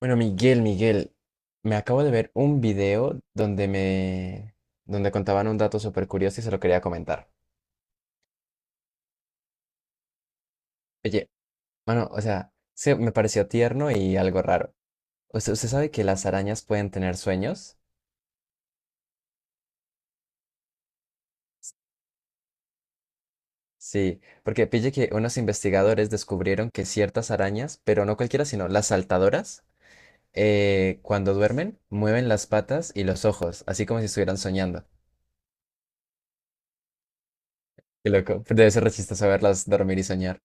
Bueno, Miguel, me acabo de ver un video donde contaban un dato súper curioso y se lo quería comentar. Oye, mano, o sea, sí, me pareció tierno y algo raro. ¿Usted sabe que las arañas pueden tener sueños? Sí, porque pille que unos investigadores descubrieron que ciertas arañas, pero no cualquiera, sino las saltadoras, cuando duermen, mueven las patas y los ojos, así como si estuvieran soñando. Qué loco, pero debe ser re chistoso verlas dormir y soñar.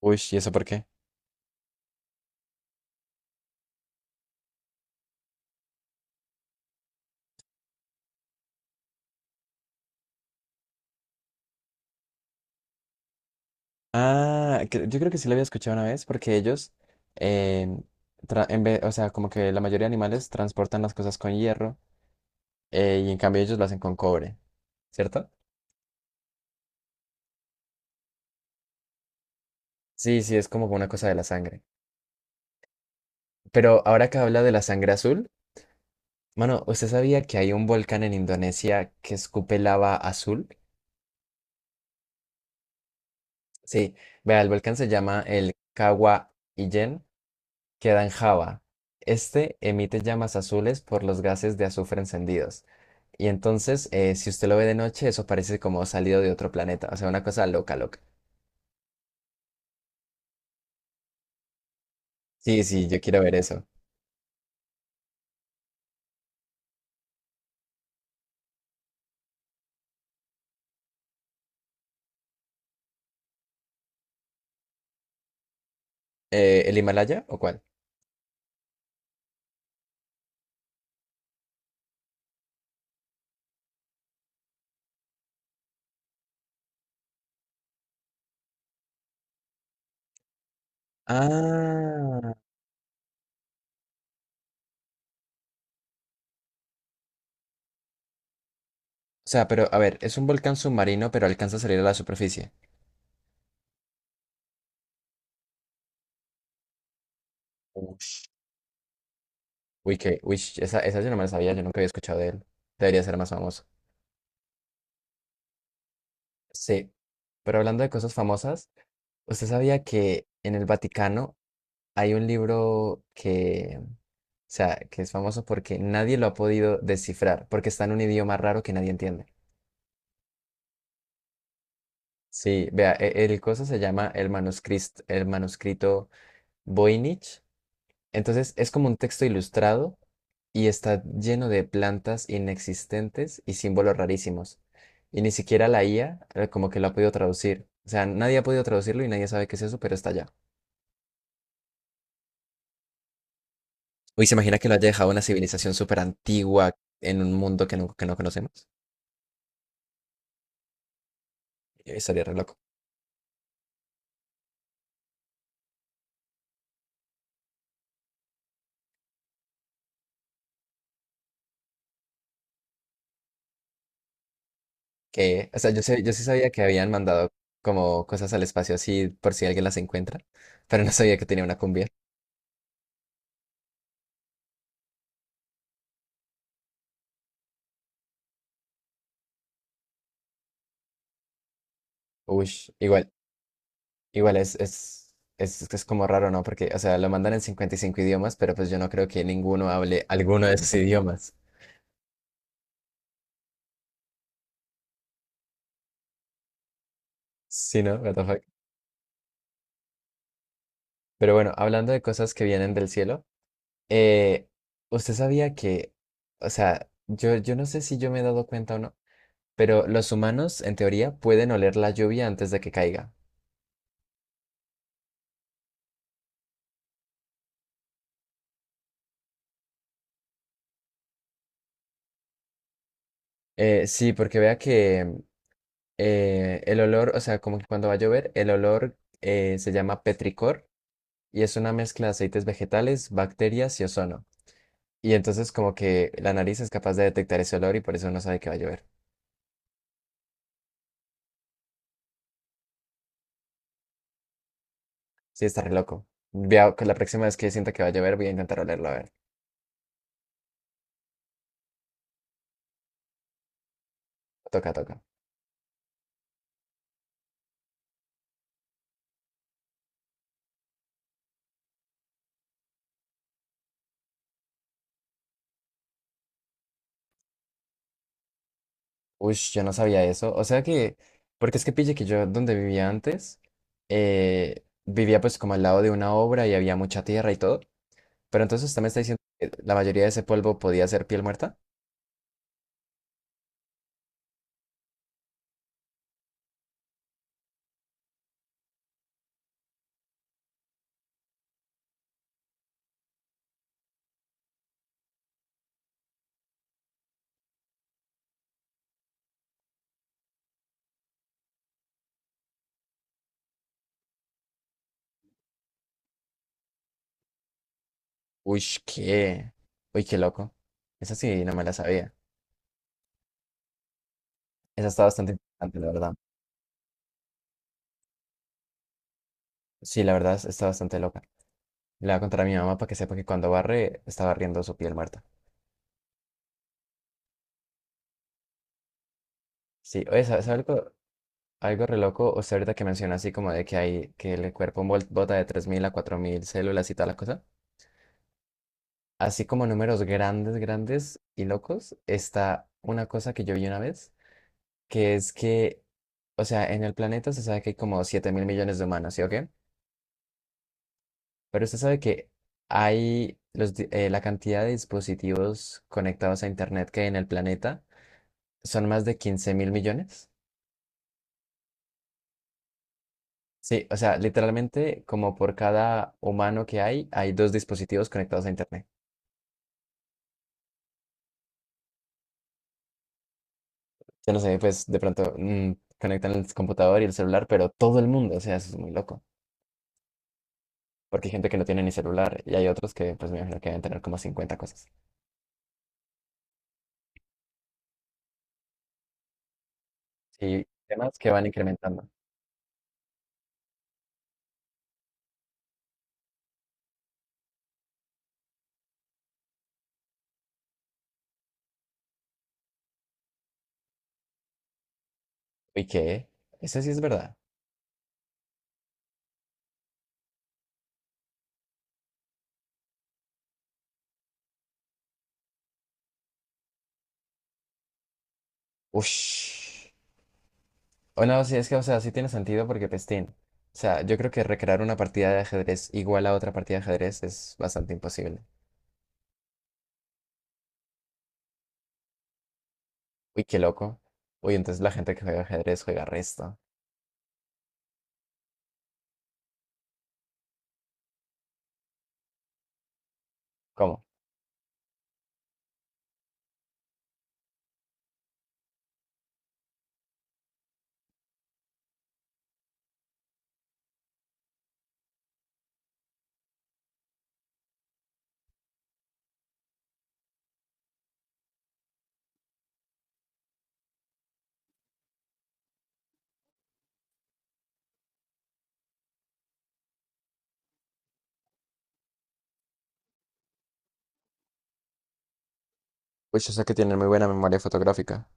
Uy, ¿y eso por qué? Ah, yo creo que sí lo había escuchado una vez porque ellos, em, en vez, o sea, como que la mayoría de animales transportan las cosas con hierro y en cambio ellos lo hacen con cobre, ¿cierto? Sí, sí, es como una cosa de la sangre. Pero ahora que habla de la sangre azul, mano, ¿usted sabía que hay un volcán en Indonesia que escupe lava azul? Sí, vea, el volcán se llama el Kawa Ijen, queda en Java. Este emite llamas azules por los gases de azufre encendidos. Y entonces, si usted lo ve de noche, eso parece como salido de otro planeta. O sea, una cosa loca, loca. Sí, sí, yo quiero ver eso. ¿El Himalaya o cuál? Ah. O sea, pero a ver, es un volcán submarino, pero alcanza a salir a la superficie. Ush. Uy, que, uy, esa yo no me la sabía, yo nunca había escuchado de él. Debería ser más famoso. Sí. Pero hablando de cosas famosas, ¿usted sabía que en el Vaticano hay un libro que, o sea, que es famoso porque nadie lo ha podido descifrar, porque está en un idioma raro que nadie entiende? Sí, vea, el coso se llama el manuscrito Voynich. Entonces es como un texto ilustrado y está lleno de plantas inexistentes y símbolos rarísimos. Y ni siquiera la IA como que lo ha podido traducir. O sea, nadie ha podido traducirlo y nadie sabe qué es eso, pero está allá. Uy, ¿se imagina que lo haya dejado una civilización súper antigua en un mundo que no conocemos? Estaría reloj. Que, o sea, yo sí sabía que habían mandado como cosas al espacio así por si alguien las encuentra, pero no sabía que tenía una cumbia. Uy, igual, igual es como raro, ¿no? Porque, o sea, lo mandan en 55 idiomas, pero pues yo no creo que ninguno hable alguno de esos idiomas. Sí, ¿no? What the fuck. Pero bueno, hablando de cosas que vienen del cielo, eh, ¿usted sabía que, o sea, yo no sé si yo me he dado cuenta o no, pero los humanos, en teoría, pueden oler la lluvia antes de que caiga? Sí, porque vea que el olor, o sea, como que cuando va a llover, el olor se llama petricor y es una mezcla de aceites vegetales, bacterias y ozono. Y entonces como que la nariz es capaz de detectar ese olor y por eso no sabe que va a llover. Sí, está re loco. Vea, que la próxima vez que sienta que va a llover, voy a intentar olerlo, a ver. Toca, toca. Uy, yo no sabía eso. O sea que, porque es que pille que yo donde vivía antes, vivía pues como al lado de una obra y había mucha tierra y todo. Pero entonces usted me está diciendo que la mayoría de ese polvo podía ser piel muerta. Uy, qué. Uy, qué loco. Esa sí, no me la sabía. Esa está bastante interesante, la verdad. Sí, la verdad está bastante loca. Le voy a contar a mi mamá para que sepa que cuando barre, está barriendo su piel muerta. Sí, oye, ¿sabes algo, algo re loco? O sea, ahorita que menciona así como de que hay que el cuerpo bota de 3.000 a 4.000 células y tal la cosa. Así como números grandes, grandes y locos, está una cosa que yo vi una vez, que es que, o sea, en el planeta se sabe que hay como 7.000 millones de humanos, ¿sí o qué? Pero usted sabe que la cantidad de dispositivos conectados a Internet que hay en el planeta son más de 15.000 millones. Sí, o sea, literalmente como por cada humano que hay dos dispositivos conectados a Internet. Yo no sé, pues de pronto conectan el computador y el celular, pero todo el mundo, o sea, eso es muy loco. Porque hay gente que no tiene ni celular y hay otros que pues me imagino que deben tener como 50 cosas. Y temas que van incrementando. ¿Y qué? Eso sí es verdad. Ush. O no, sí, es que, o sea, sí tiene sentido porque pestín. O sea, yo creo que recrear una partida de ajedrez igual a otra partida de ajedrez es bastante imposible. Uy, qué loco. Uy, entonces la gente que juega ajedrez juega resto. ¿Cómo? Uy, o sea que tienen muy buena memoria fotográfica.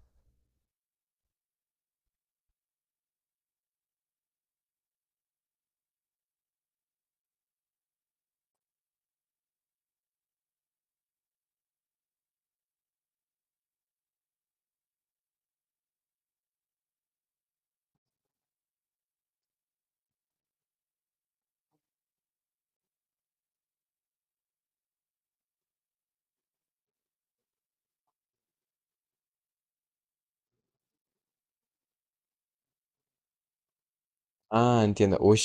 Ah, entiendo. Uy,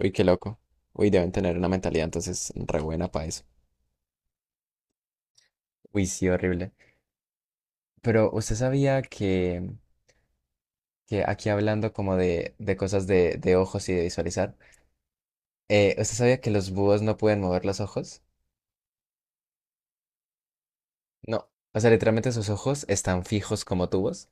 uy, qué loco. Uy, deben tener una mentalidad entonces re buena para eso. Uy, sí, horrible. Pero usted sabía que aquí hablando como de cosas de ojos y de visualizar, ¿usted sabía que los búhos no pueden mover los ojos? No. O sea, literalmente sus ojos están fijos como tubos.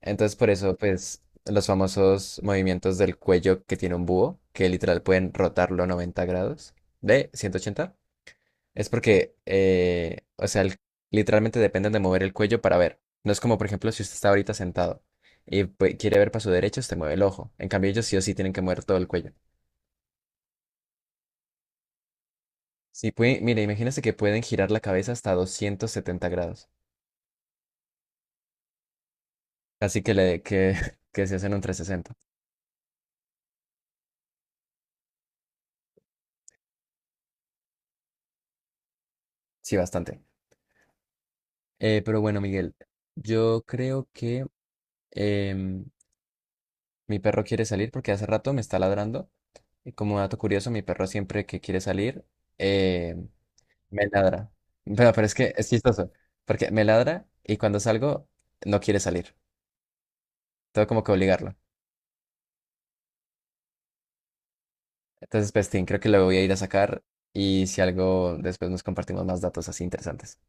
Entonces, por eso, pues, los famosos movimientos del cuello que tiene un búho, que literal pueden rotarlo 90 grados, de 180. Es porque, o sea, literalmente dependen de mover el cuello para ver. No es como, por ejemplo, si usted está ahorita sentado y pues, quiere ver para su derecha, usted mueve el ojo. En cambio, ellos sí o sí tienen que mover todo el cuello. Sí, puede, mire, imagínese que pueden girar la cabeza hasta 270 grados. Así que, le, que, que se hacen un 360. Sí, bastante. Pero bueno, Miguel, yo creo que em, mi perro quiere salir porque hace rato me está ladrando. Y como dato curioso, mi perro siempre que quiere salir, em, me ladra. Pero es que es chistoso. Porque me ladra y cuando salgo no quiere salir. Tengo como que obligarlo. Entonces, Pestín, creo que lo voy a ir a sacar y si algo, después nos compartimos más datos así interesantes.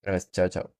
Pero pues, chao, chao.